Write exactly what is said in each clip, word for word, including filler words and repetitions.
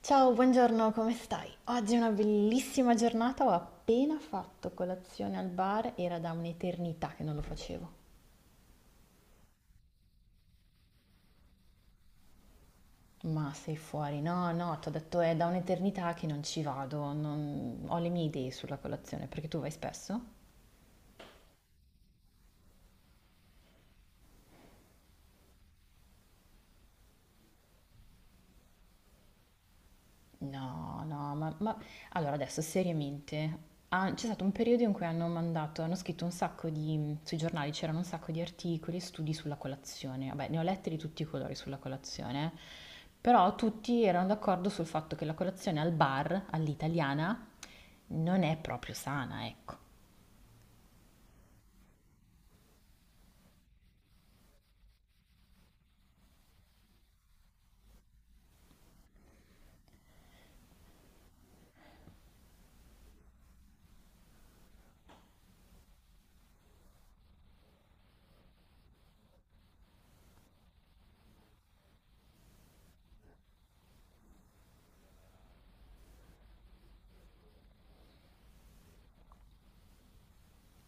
Ciao, buongiorno, come stai? Oggi è una bellissima giornata, ho appena fatto colazione al bar, era da un'eternità che non lo facevo. Ma sei fuori? No, no, ti ho detto è da un'eternità che non ci vado, non- ho le mie idee sulla colazione, perché tu vai spesso? No, no, ma, ma- allora adesso seriamente, ah, c'è stato un periodo in cui hanno mandato, hanno scritto un sacco di, sui giornali c'erano un sacco di articoli e studi sulla colazione, vabbè ne ho letti di tutti i colori sulla colazione, però tutti erano d'accordo sul fatto che la colazione al bar, all'italiana, non è proprio sana, ecco.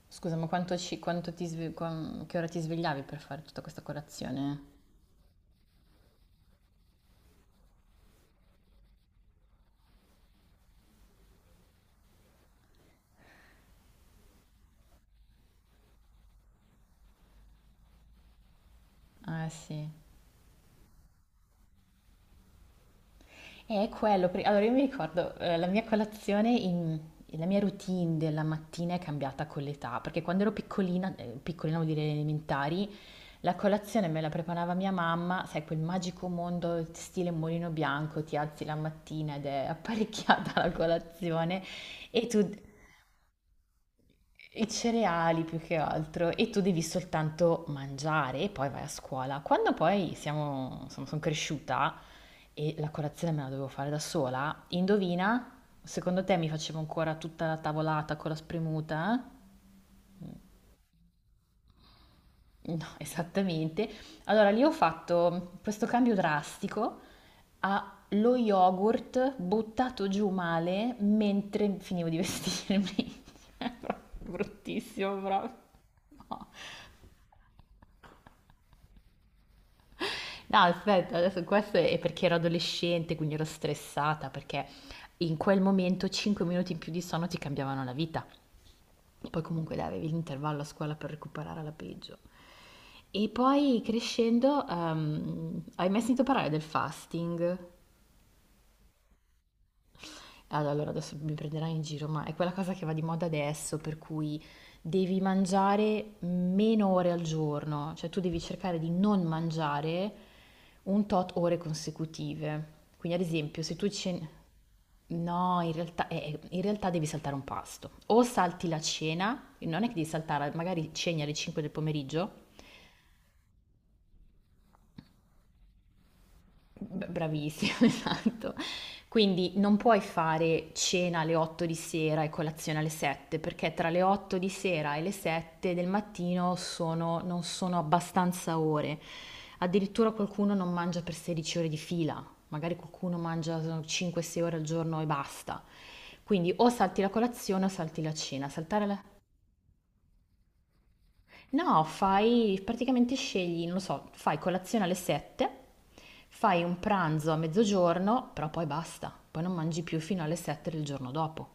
Scusa, ma quanto ci- quanto ti sve- quan- che ora ti svegliavi per fare tutta questa colazione? Ah, sì. È quello, perché- allora io mi ricordo, eh, la mia colazione, in- la mia routine della mattina è cambiata con l'età, perché quando ero piccolina, eh, piccolina vuol dire elementari, la colazione me la preparava mia mamma, sai, quel magico mondo stile Mulino Bianco, ti alzi la mattina ed è apparecchiata la colazione, e tu i cereali più che altro, e tu devi soltanto mangiare e poi vai a scuola. Quando poi siamo, insomma, sono cresciuta e la colazione me la dovevo fare da sola, indovina? Secondo te mi facevo ancora tutta la tavolata con la spremuta? Eh? No, esattamente. Allora lì ho fatto questo cambio drastico a lo yogurt buttato giù male mentre finivo di vestirmi. Era bruttissimo, proprio. No. No, aspetta, adesso questo è perché ero adolescente, quindi ero stressata, perché in quel momento cinque minuti in più di sonno ti cambiavano la vita. Poi comunque dai, avevi l'intervallo a scuola per recuperare alla peggio. E poi crescendo, ehm, hai mai sentito parlare del fasting? Ah, allora adesso mi prenderai in giro, ma è quella cosa che va di moda adesso, per cui devi mangiare meno ore al giorno, cioè tu devi cercare di non mangiare un tot ore consecutive. Quindi ad esempio se tu ceni... No, in realtà, eh, eh, in realtà devi saltare un pasto. O salti la cena, non è che devi saltare, magari ceni alle cinque del pomeriggio. B- Bravissimo, esatto. Quindi non puoi fare cena alle otto di sera e colazione alle sette, perché tra le otto di sera e le sette del mattino sono- non sono abbastanza ore. Addirittura qualcuno non mangia per sedici ore di fila, magari qualcuno mangia cinque sei ore al giorno e basta. Quindi o salti la colazione o salti la cena. Saltare la... No, fai praticamente scegli, non lo so, fai colazione alle sette, fai un pranzo a mezzogiorno, però poi basta, poi non mangi più fino alle sette del giorno dopo.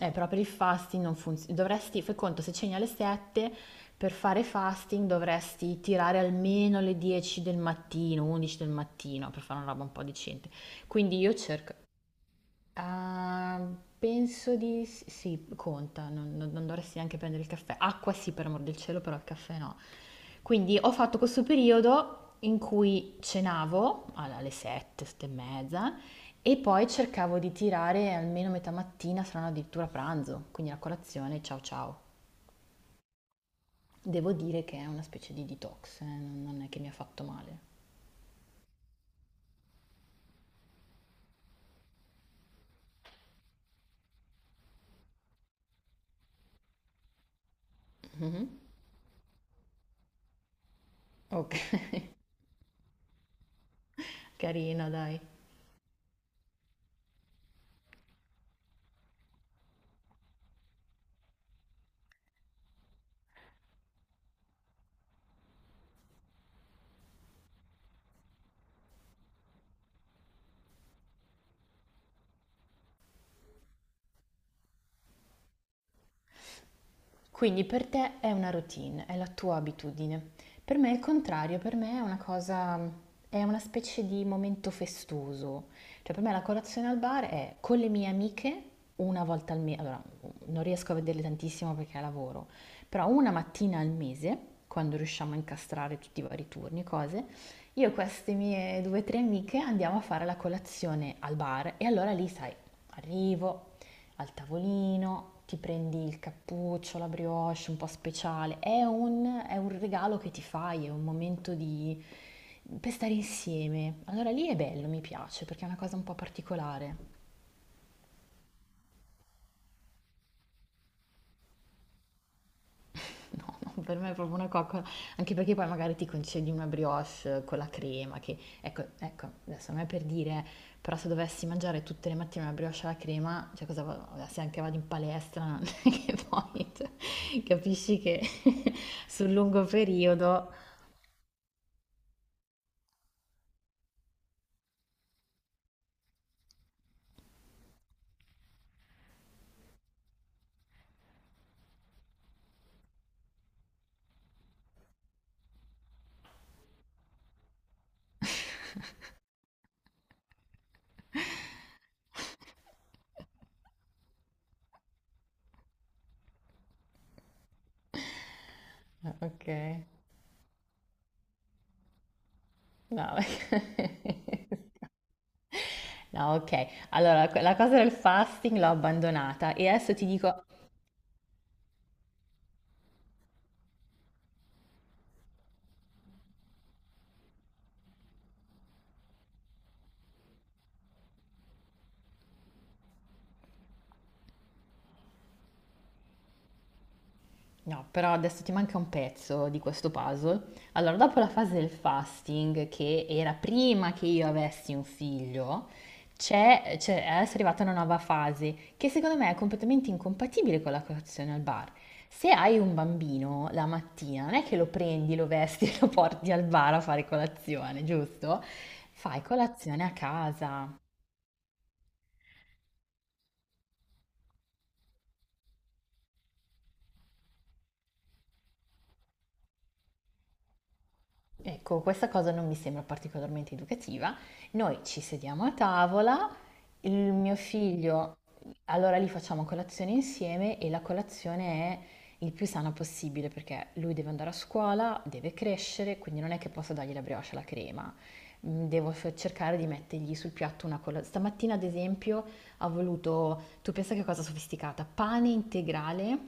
Eh, però per il fasting non funziona. Dovresti, fai conto, se ceni alle sette, per fare fasting dovresti tirare almeno le dieci del mattino, undici del mattino, per fare una roba un po' decente. Quindi io cerco Ah, penso di s- sì, conta, non, non- non dovresti neanche prendere il caffè. Acqua sì, per amor del cielo, però il caffè no. Quindi ho fatto questo periodo in cui cenavo alla- alle sette, sette e mezza, e poi cercavo di tirare almeno metà mattina, se non addirittura pranzo, quindi la colazione, ciao ciao. Devo dire che è una specie di detox, eh, non non è che mi ha fatto male. Mhm. Ok, carina, dai. Quindi per te è una routine, è la tua abitudine. Per me è il contrario, per me è una cosa, è una specie di momento festoso. Cioè per me la colazione al bar è con le mie amiche una volta al mese, allora non riesco a vederle tantissimo perché lavoro, però una mattina al mese, quando riusciamo a incastrare tutti i vari turni e cose, io e queste mie due o tre amiche andiamo a fare la colazione al bar e allora lì, sai, arrivo al tavolino, ti prendi il cappuccio, la brioche un po' speciale. È un, è un regalo che ti fai, è un momento di, per stare insieme. Allora lì è bello, mi piace, perché è una cosa un po' particolare. No, no, per me è proprio una coccola, anche perché poi magari ti concedi una brioche, eh, con la crema, che ecco, ecco, adesso non è per dire, però se dovessi mangiare tutte le mattine una brioche alla crema, cioè cosa va- se anche vado in palestra, che poi cioè, capisci che sul lungo periodo... Ah, ok, no, no, ok. Allora, la cosa del fasting l'ho abbandonata e adesso ti dico, no, però adesso ti manca un pezzo di questo puzzle. Allora, dopo la fase del fasting, che era prima che io avessi un figlio, c'è, c'è- è adesso è arrivata una nuova fase che secondo me è completamente incompatibile con la colazione al bar. Se hai un bambino la mattina, non è che lo prendi, lo vesti e lo porti al bar a fare colazione, giusto? Fai colazione a casa. Ecco, questa cosa non mi sembra particolarmente educativa. Noi ci sediamo a tavola, il mio figlio, allora lì facciamo colazione insieme e la colazione è il più sana possibile perché lui deve andare a scuola, deve crescere, quindi non è che posso dargli la brioche e la crema. Mm, Devo f- cercare di mettergli sul piatto una colazione. Stamattina, ad esempio, ha voluto, tu pensa che cosa sofisticata, pane integrale,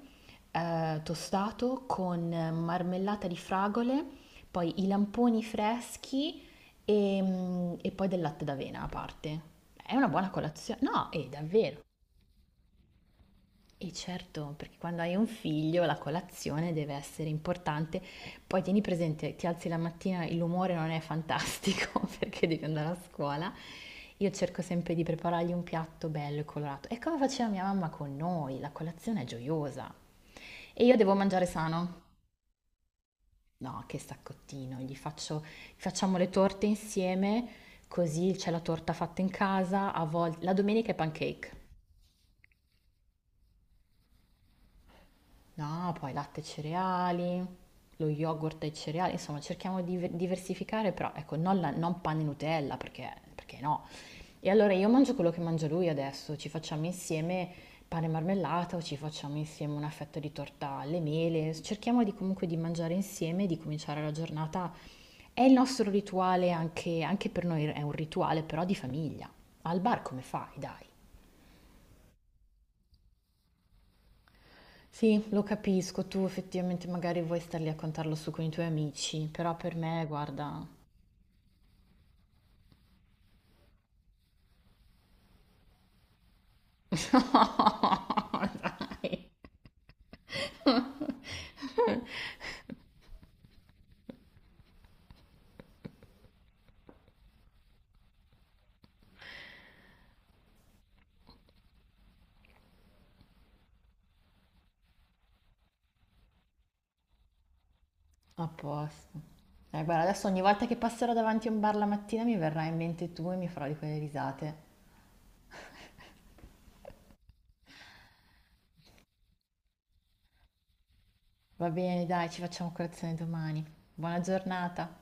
eh, tostato con marmellata di fragole, poi i lamponi freschi e, mm, e poi del latte d'avena a parte. È una buona colazione. No, è davvero. E certo, perché quando hai un figlio la colazione deve essere importante. Poi tieni presente, ti alzi la mattina, l'umore non è fantastico perché devi andare a scuola. Io cerco sempre di preparargli un piatto bello e colorato. È come faceva mia mamma con noi, la colazione è gioiosa. E io devo mangiare sano. No, che saccottino, gli faccio, facciamo le torte insieme, così c'è la torta fatta in casa, a volte la domenica è pancake. No, poi latte e cereali, lo yogurt e cereali, insomma, cerchiamo di diversificare, però ecco, non, la- non panna e Nutella, perché perché no? E allora io mangio quello che mangia lui adesso, ci facciamo insieme pane e marmellata o ci facciamo insieme una fetta di torta alle mele, cerchiamo di comunque di mangiare insieme, e di cominciare la giornata. È il nostro rituale, anche, anche per noi è un rituale però di famiglia. Al bar come fai, dai? Sì, lo capisco, tu effettivamente magari vuoi star lì a contarlo su con i tuoi amici, però per me, guarda... No, dai. A posto. Eh, guarda, adesso ogni volta che passerò davanti a un bar la mattina mi verrà in mente tu e mi farò di quelle risate. Va bene, dai, ci facciamo colazione domani. Buona giornata.